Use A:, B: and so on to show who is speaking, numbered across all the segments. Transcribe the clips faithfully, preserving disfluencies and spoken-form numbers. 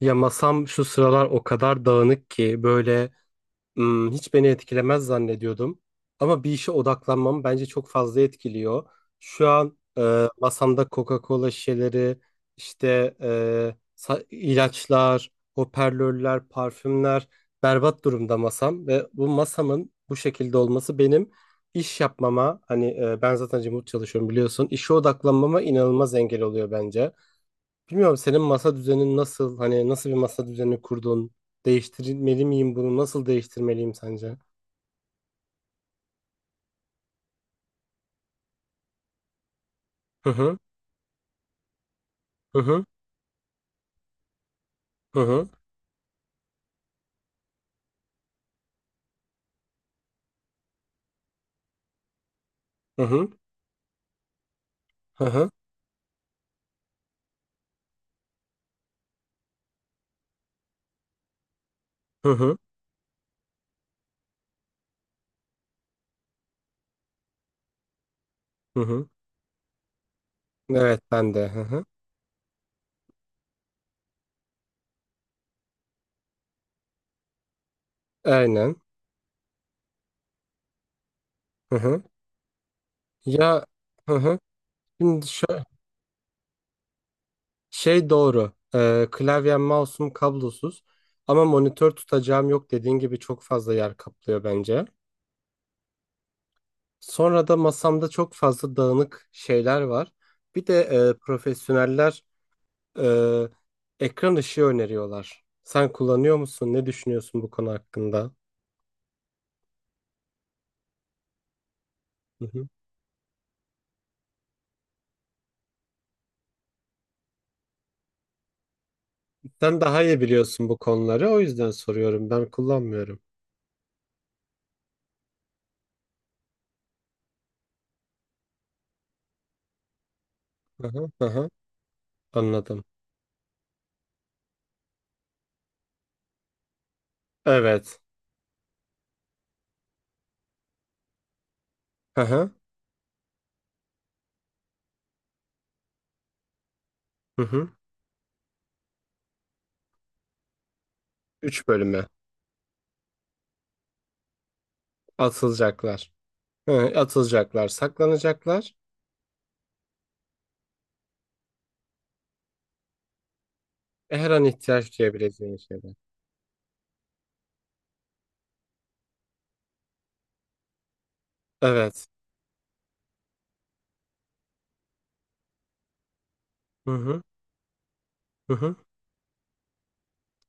A: Ya masam şu sıralar o kadar dağınık ki böyle hmm, hiç beni etkilemez zannediyordum. Ama bir işe odaklanmam bence çok fazla etkiliyor. Şu an e, masamda Coca-Cola şişeleri, işte e, sa- ilaçlar, hoparlörler, parfümler berbat durumda masam. Ve bu masamın bu şekilde olması benim iş yapmama, hani e, ben zaten remote çalışıyorum biliyorsun, işe odaklanmama inanılmaz engel oluyor bence. Bilmiyorum senin masa düzenin nasıl? Hani nasıl bir masa düzeni kurdun? Değiştirmeli miyim bunu? Nasıl değiştirmeliyim sence? Hı hı hı hı hı hı hı hı hı hı hı hı hı hı. Evet ben de. Hı hı. Aynen. Hı hı. Ya, hı hı. Şimdi şu şey doğru. Ee, klavyem mouse'um kablosuz. Ama monitör tutacağım yok, dediğin gibi çok fazla yer kaplıyor bence. Sonra da masamda çok fazla dağınık şeyler var. Bir de e, profesyoneller Ee, ekran ışığı öneriyorlar. Sen kullanıyor musun? Ne düşünüyorsun bu konu hakkında? Hı hı. Sen daha iyi biliyorsun bu konuları, o yüzden soruyorum. Ben kullanmıyorum. Hı hı, hı hı. Anladım. Evet. Hı hı, hı hı. Üç bölüme atılacaklar. Hı, atılacaklar, saklanacaklar. E, Her an ihtiyaç duyabileceğin şeyler. Evet. Hı hı, hı hı.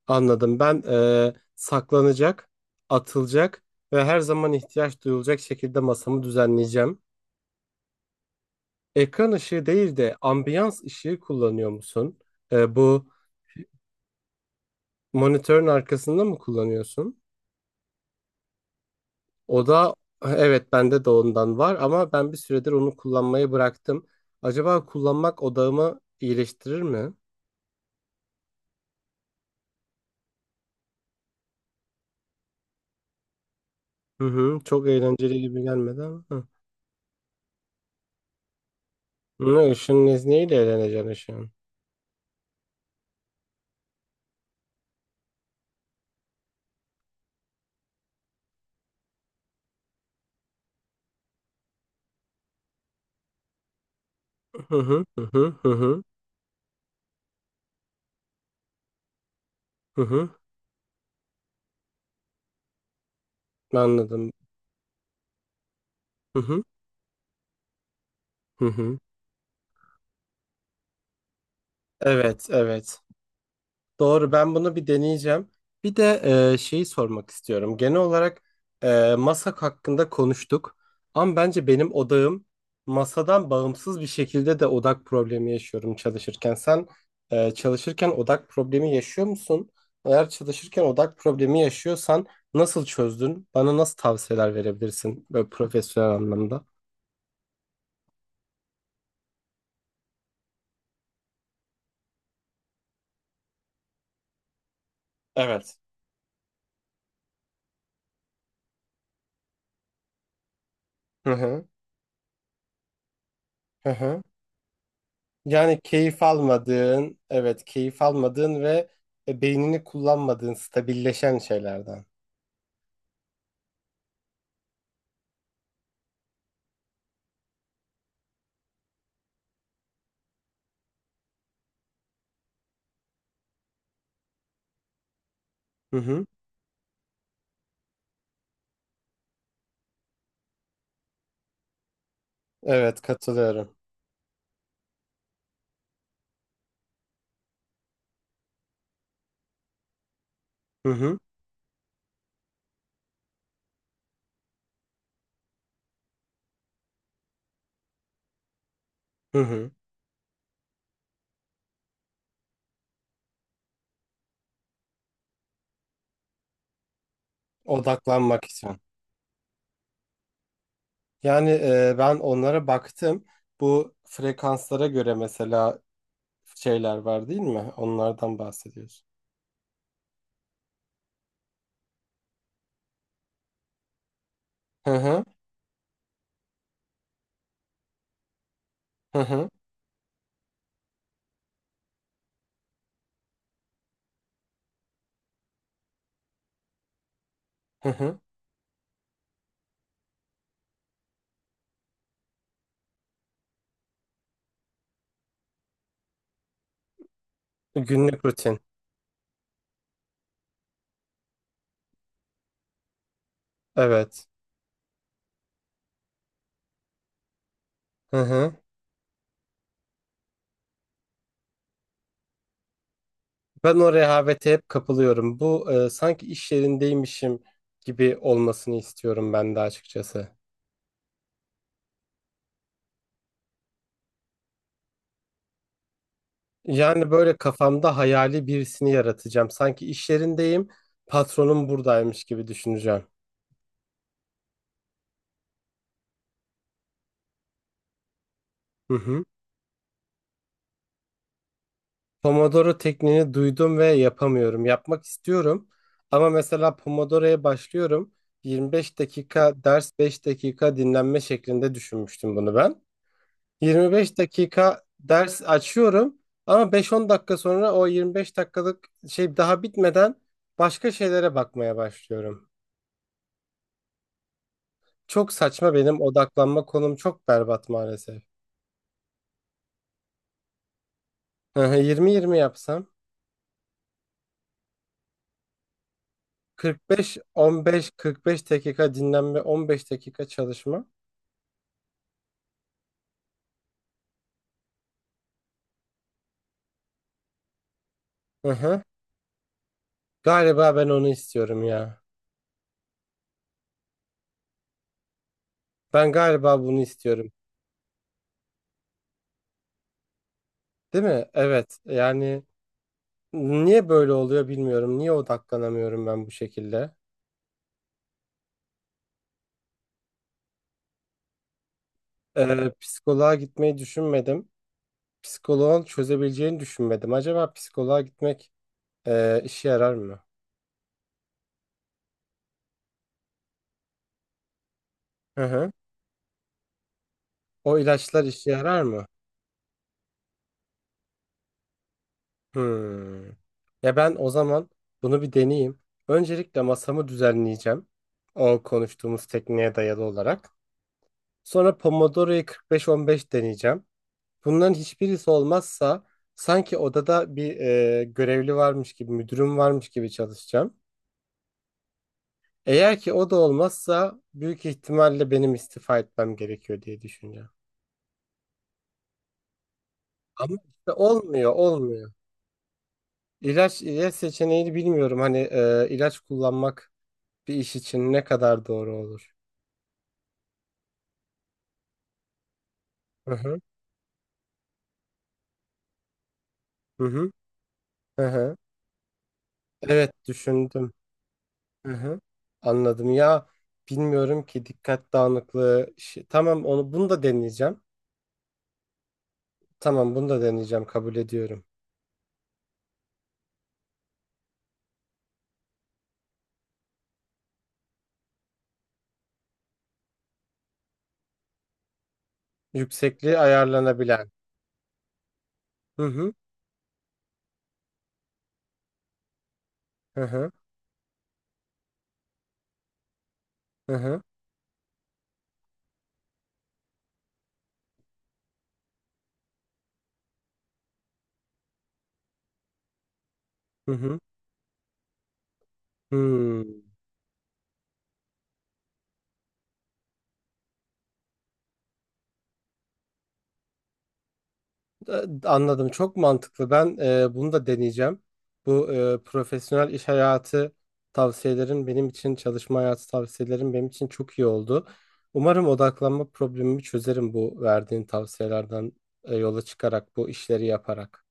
A: Anladım. Ben e, saklanacak, atılacak ve her zaman ihtiyaç duyulacak şekilde masamı düzenleyeceğim. Ekran ışığı değil de ambiyans ışığı kullanıyor musun? Ee, bu monitörün arkasında mı kullanıyorsun? O da evet, bende de ondan var ama ben bir süredir onu kullanmayı bıraktım. Acaba kullanmak odağımı iyileştirir mi? Hı hı, çok eğlenceli gibi gelmedi ama. Hı. Ne ışığın nezneyle eğleneceksin ışığın. Hı hı hı hı hı hı. hı hı. Anladım. Hı hı hı hı. Evet, evet. Doğru, ben bunu bir deneyeceğim. Bir de e, şeyi sormak istiyorum. Genel olarak e, masak hakkında konuştuk. Ama bence benim odağım masadan bağımsız bir şekilde de odak problemi yaşıyorum çalışırken. Sen e, çalışırken odak problemi yaşıyor musun? Eğer çalışırken odak problemi yaşıyorsan nasıl çözdün? Bana nasıl tavsiyeler verebilirsin böyle profesyonel anlamda? Evet. Hı hı. Hı hı. Yani keyif almadığın, evet, keyif almadığın ve e, beynini kullanmadığın stabilleşen şeylerden. Hı hı. Evet, katılıyorum. Hı hı. Hı hı. Odaklanmak için. Yani e, ben onlara baktım. Bu frekanslara göre mesela şeyler var değil mi? Onlardan bahsediyorsun. Hı hı. Hı hı. Hı hı. Günlük rutin. Evet. Hı hı. Ben o rehavete hep kapılıyorum. Bu e, sanki iş yerindeymişim gibi olmasını istiyorum ben de açıkçası. Yani böyle kafamda hayali birisini yaratacağım. Sanki iş yerindeyim, patronum buradaymış gibi düşüneceğim. Hı hı. Pomodoro tekniğini duydum ve yapamıyorum. Yapmak istiyorum ama mesela Pomodoro'ya başlıyorum. yirmi beş dakika ders, beş dakika dinlenme şeklinde düşünmüştüm bunu ben. yirmi beş dakika ders açıyorum ama beş on dakika sonra o yirmi beş dakikalık şey daha bitmeden başka şeylere bakmaya başlıyorum. Çok saçma, benim odaklanma konum çok berbat maalesef. yirmi yirmi yapsam. kırk beş on beş, kırk beş dakika dinlenme, on beş dakika çalışma. Hı hı. Galiba ben onu istiyorum ya. Ben galiba bunu istiyorum. Değil mi? Evet. Yani niye böyle oluyor bilmiyorum. Niye odaklanamıyorum ben bu şekilde? Ee, psikoloğa gitmeyi düşünmedim. Psikoloğun çözebileceğini düşünmedim. Acaba psikoloğa gitmek e, işe yarar mı? Hı hı. O ilaçlar işe yarar mı? Hmm. Ya ben o zaman bunu bir deneyeyim. Öncelikle masamı düzenleyeceğim. O konuştuğumuz tekniğe dayalı olarak. Sonra Pomodoro'yu kırk beş on beş deneyeceğim. Bunların hiçbirisi olmazsa sanki odada bir e, görevli varmış gibi, müdürüm varmış gibi çalışacağım. Eğer ki o da olmazsa büyük ihtimalle benim istifa etmem gerekiyor diye düşüneceğim. Ama işte olmuyor, olmuyor. İlaç, ilaç seçeneğini bilmiyorum. Hani e, ilaç kullanmak bir iş için ne kadar doğru olur? Hı hı. Hı hı. Hı hı. Evet, düşündüm. Hı hı. Anladım ya. Bilmiyorum ki dikkat dağınıklığı. işi- Tamam, onu bunu da deneyeceğim. Tamam, bunu da deneyeceğim, kabul ediyorum. Yüksekliği ayarlanabilen. Hı hı. Hı hı. Hı hı. Hı hı. Hmm. E, Anladım. Çok mantıklı. Ben e, bunu da deneyeceğim. Bu e, profesyonel iş hayatı tavsiyelerin benim için, çalışma hayatı tavsiyelerin benim için çok iyi oldu. Umarım odaklanma problemimi çözerim bu verdiğin tavsiyelerden e, yola çıkarak, bu işleri yaparak.